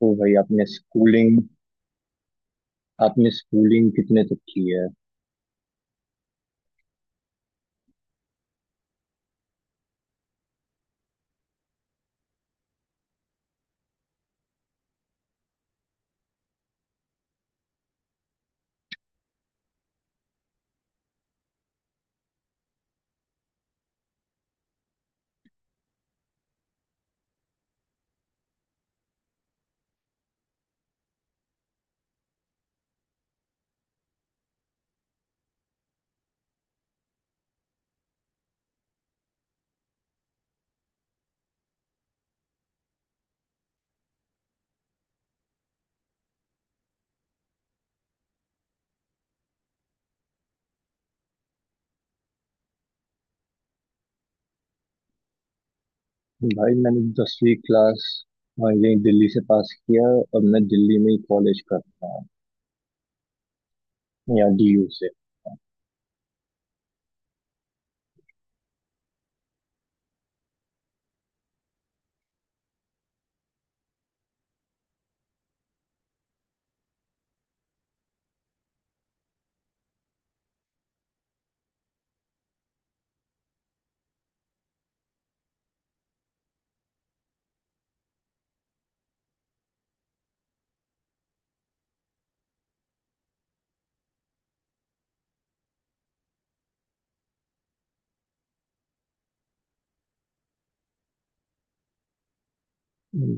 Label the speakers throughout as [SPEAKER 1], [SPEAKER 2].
[SPEAKER 1] तो भाई आपने स्कूलिंग कितने तक की है। भाई, मैंने 10वीं क्लास, हाँ, यही दिल्ली से पास किया। और मैं दिल्ली में ही कॉलेज कर रहा हूँ, यहाँ डीयू से।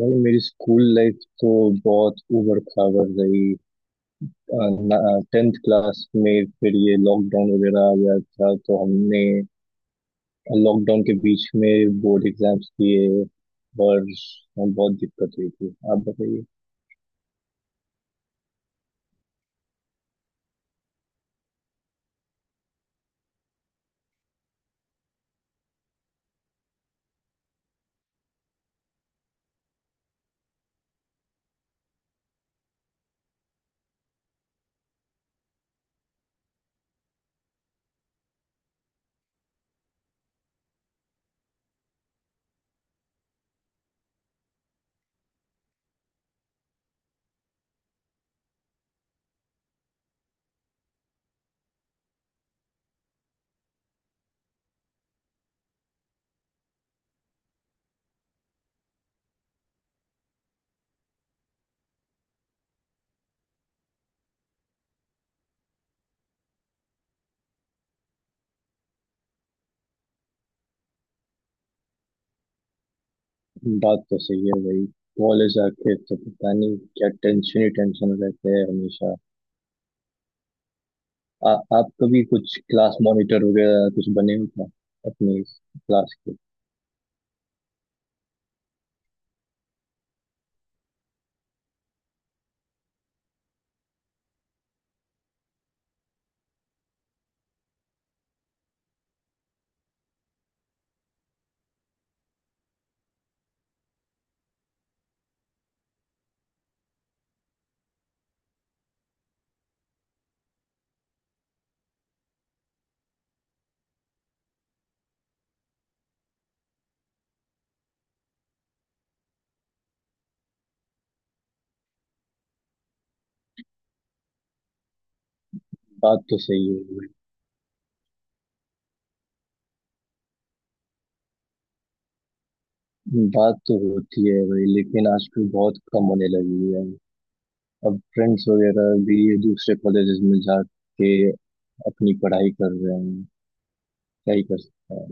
[SPEAKER 1] भाई मेरी स्कूल लाइफ तो बहुत उबड़ खाबड़ रही। 10th क्लास में फिर ये लॉकडाउन वगैरह आ गया था तो हमने लॉकडाउन के बीच में बोर्ड एग्जाम्स दिए, और बहुत दिक्कत हुई थी। आप बताइए। बात तो सही है भाई, कॉलेज आके तो पता नहीं क्या टेंशन ही टेंशन रहते हैं हमेशा। आ, आप कभी कुछ क्लास मॉनिटर वगैरह कुछ बने हो क्या, अपनी क्लास के। बात तो सही है भाई। बात तो होती है भाई, लेकिन आजकल बहुत कम होने लगी है। अब फ्रेंड्स वगैरह भी दूसरे कॉलेजेस में जाके अपनी पढ़ाई कर रहे हैं, क्या ही कर सकता है।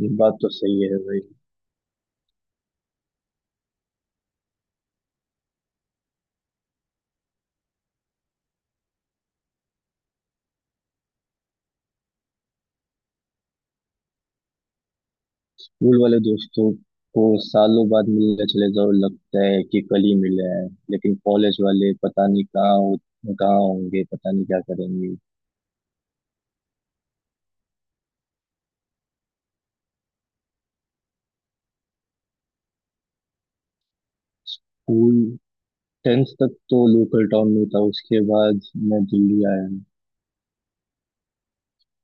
[SPEAKER 1] ये बात तो सही है भाई। स्कूल वाले दोस्तों को सालों बाद मिलने चले जाओ, लगता है कि कल ही मिले हैं। लेकिन कॉलेज वाले पता नहीं कहाँ होंगे, पता नहीं क्या करेंगे। स्कूल 10th तक तो लोकल टाउन में था, उसके बाद मैं दिल्ली आया।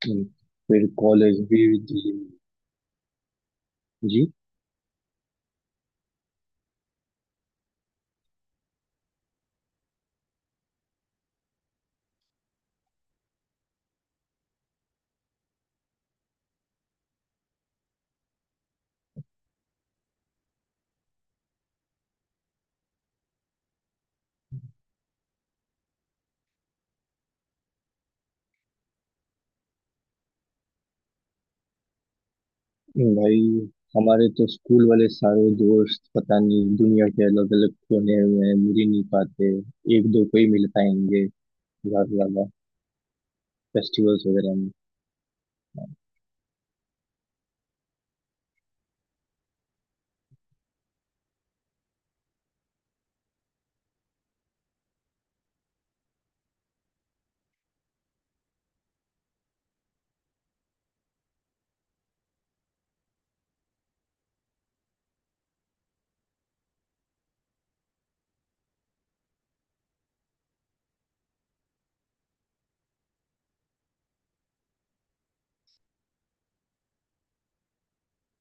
[SPEAKER 1] फिर कॉलेज भी दिल्ली में। जी। भाई, हमारे तो स्कूल वाले सारे दोस्त पता नहीं दुनिया के अलग अलग कोने में हैं, मिल ही नहीं पाते। एक दो को ही मिल पाएंगे ज्यादा ज्यादा, फेस्टिवल्स वगैरह।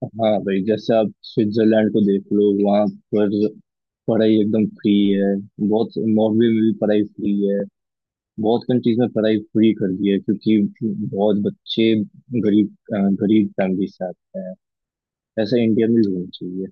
[SPEAKER 1] हाँ भाई, जैसे आप स्विट्जरलैंड को देख लो, वहाँ पर पढ़ाई एकदम फ्री है। बहुत नॉर्वे में भी पढ़ाई फ्री है। बहुत कंट्रीज में पढ़ाई फ्री कर दी है, क्योंकि बहुत बच्चे गरीब, अ, गरीब फैमिली से आते हैं। ऐसा इंडिया में भी होना चाहिए।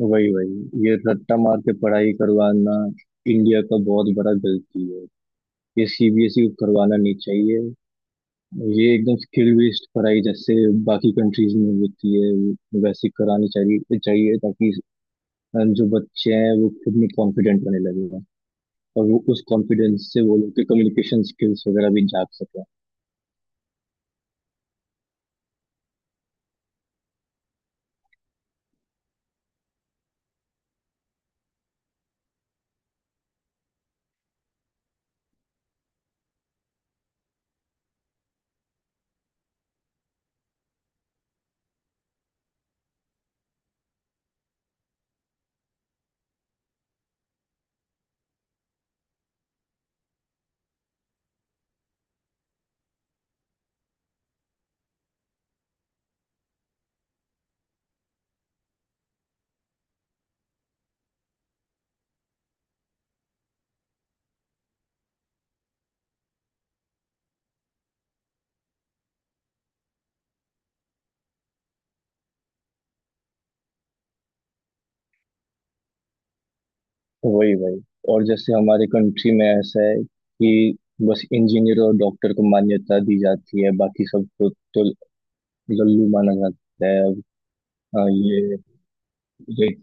[SPEAKER 1] वही वही, ये रट्टा मार के पढ़ाई करवाना इंडिया का बहुत बड़ा गलती है। ये सीबीएसई को करवाना नहीं चाहिए। ये एकदम स्किल बेस्ड पढ़ाई जैसे बाकी कंट्रीज में होती है, वो वैसे करानी चाहिए चाहिए, ताकि जो बच्चे हैं वो खुद में कॉन्फिडेंट बने लगे, और वो उस कॉन्फिडेंस से वो लोग के कम्युनिकेशन स्किल्स वगैरह भी जाग सकें। वही वही। और जैसे हमारे कंट्री में ऐसा है कि बस इंजीनियर और डॉक्टर को मान्यता दी जाती है, बाकी सबको तो लल्लू माना जाता है अब। अ, ये ये-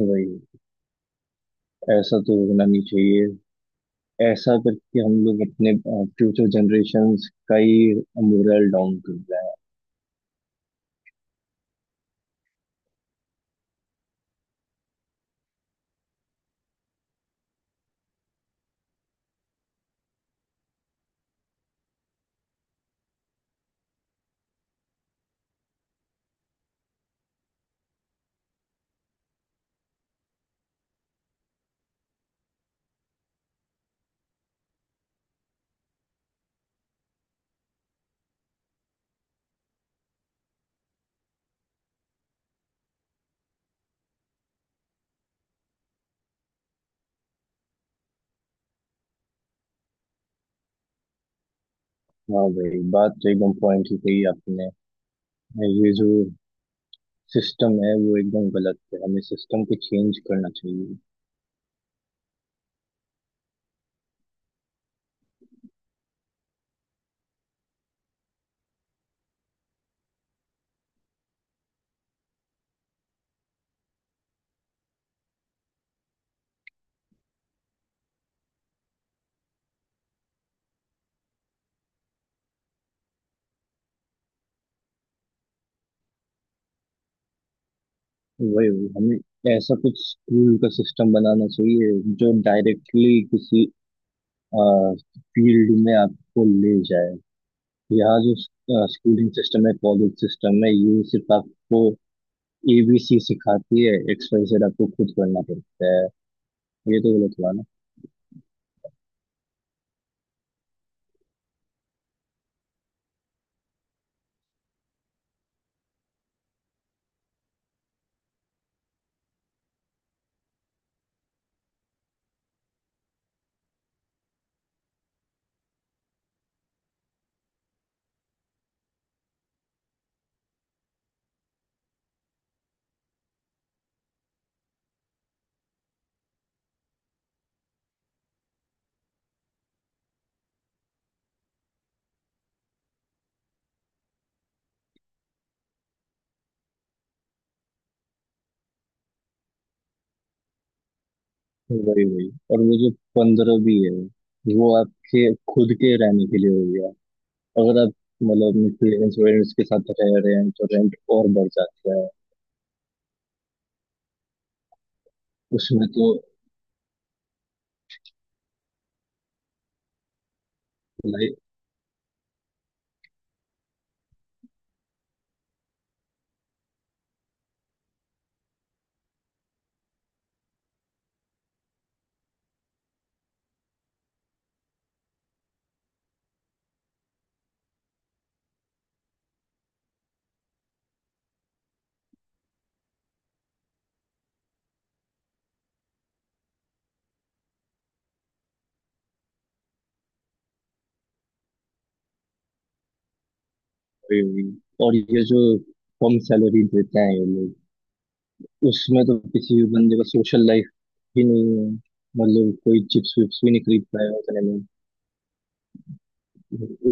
[SPEAKER 1] वही, ऐसा तो होना नहीं चाहिए। ऐसा करके हम लोग अपने फ्यूचर जनरेशन्स का ही मोरल डाउन कर रहे हैं। हाँ भाई, बात तो एकदम पॉइंट ही कही आपने। ये जो सिस्टम है वो एकदम गलत है, हमें सिस्टम को चेंज करना चाहिए। वही वही, हमें ऐसा कुछ स्कूल का सिस्टम बनाना चाहिए जो डायरेक्टली किसी फील्ड में आपको ले जाए। यहाँ जो स्कूलिंग सिस्टम है, कॉलेज सिस्टम है, ये सिर्फ आपको एबीसी सिखाती है, एक्स वाई जेड आपको खुद करना पड़ता है। ये तो गलत हुआ ना। वही वही। और वो जो 15 भी है, वो आपके खुद के रहने के लिए हो गया। अगर आप मतलब क्लियरेंस वेयरेंस के साथ रह रहे हैं तो रेंट और बढ़ जाता है। उसमें तो लाइफ। वही हुई। और ये जो कम सैलरी देते हैं ये लोग, उसमें तो किसी भी बंदे का सोशल लाइफ ही नहीं है, मतलब कोई चिप्स विप्स भी नहीं खरीद पाएगा उतने में।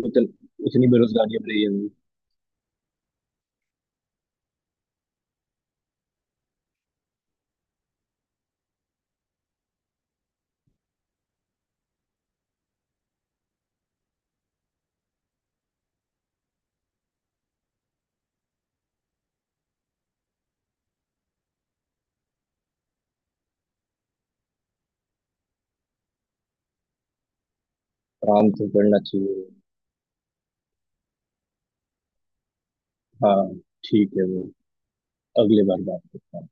[SPEAKER 1] उतन, उतनी बेरोजगारी अब रही है। आराम से पढ़ना चाहिए। हाँ ठीक है, वो अगले बार बात करते हैं।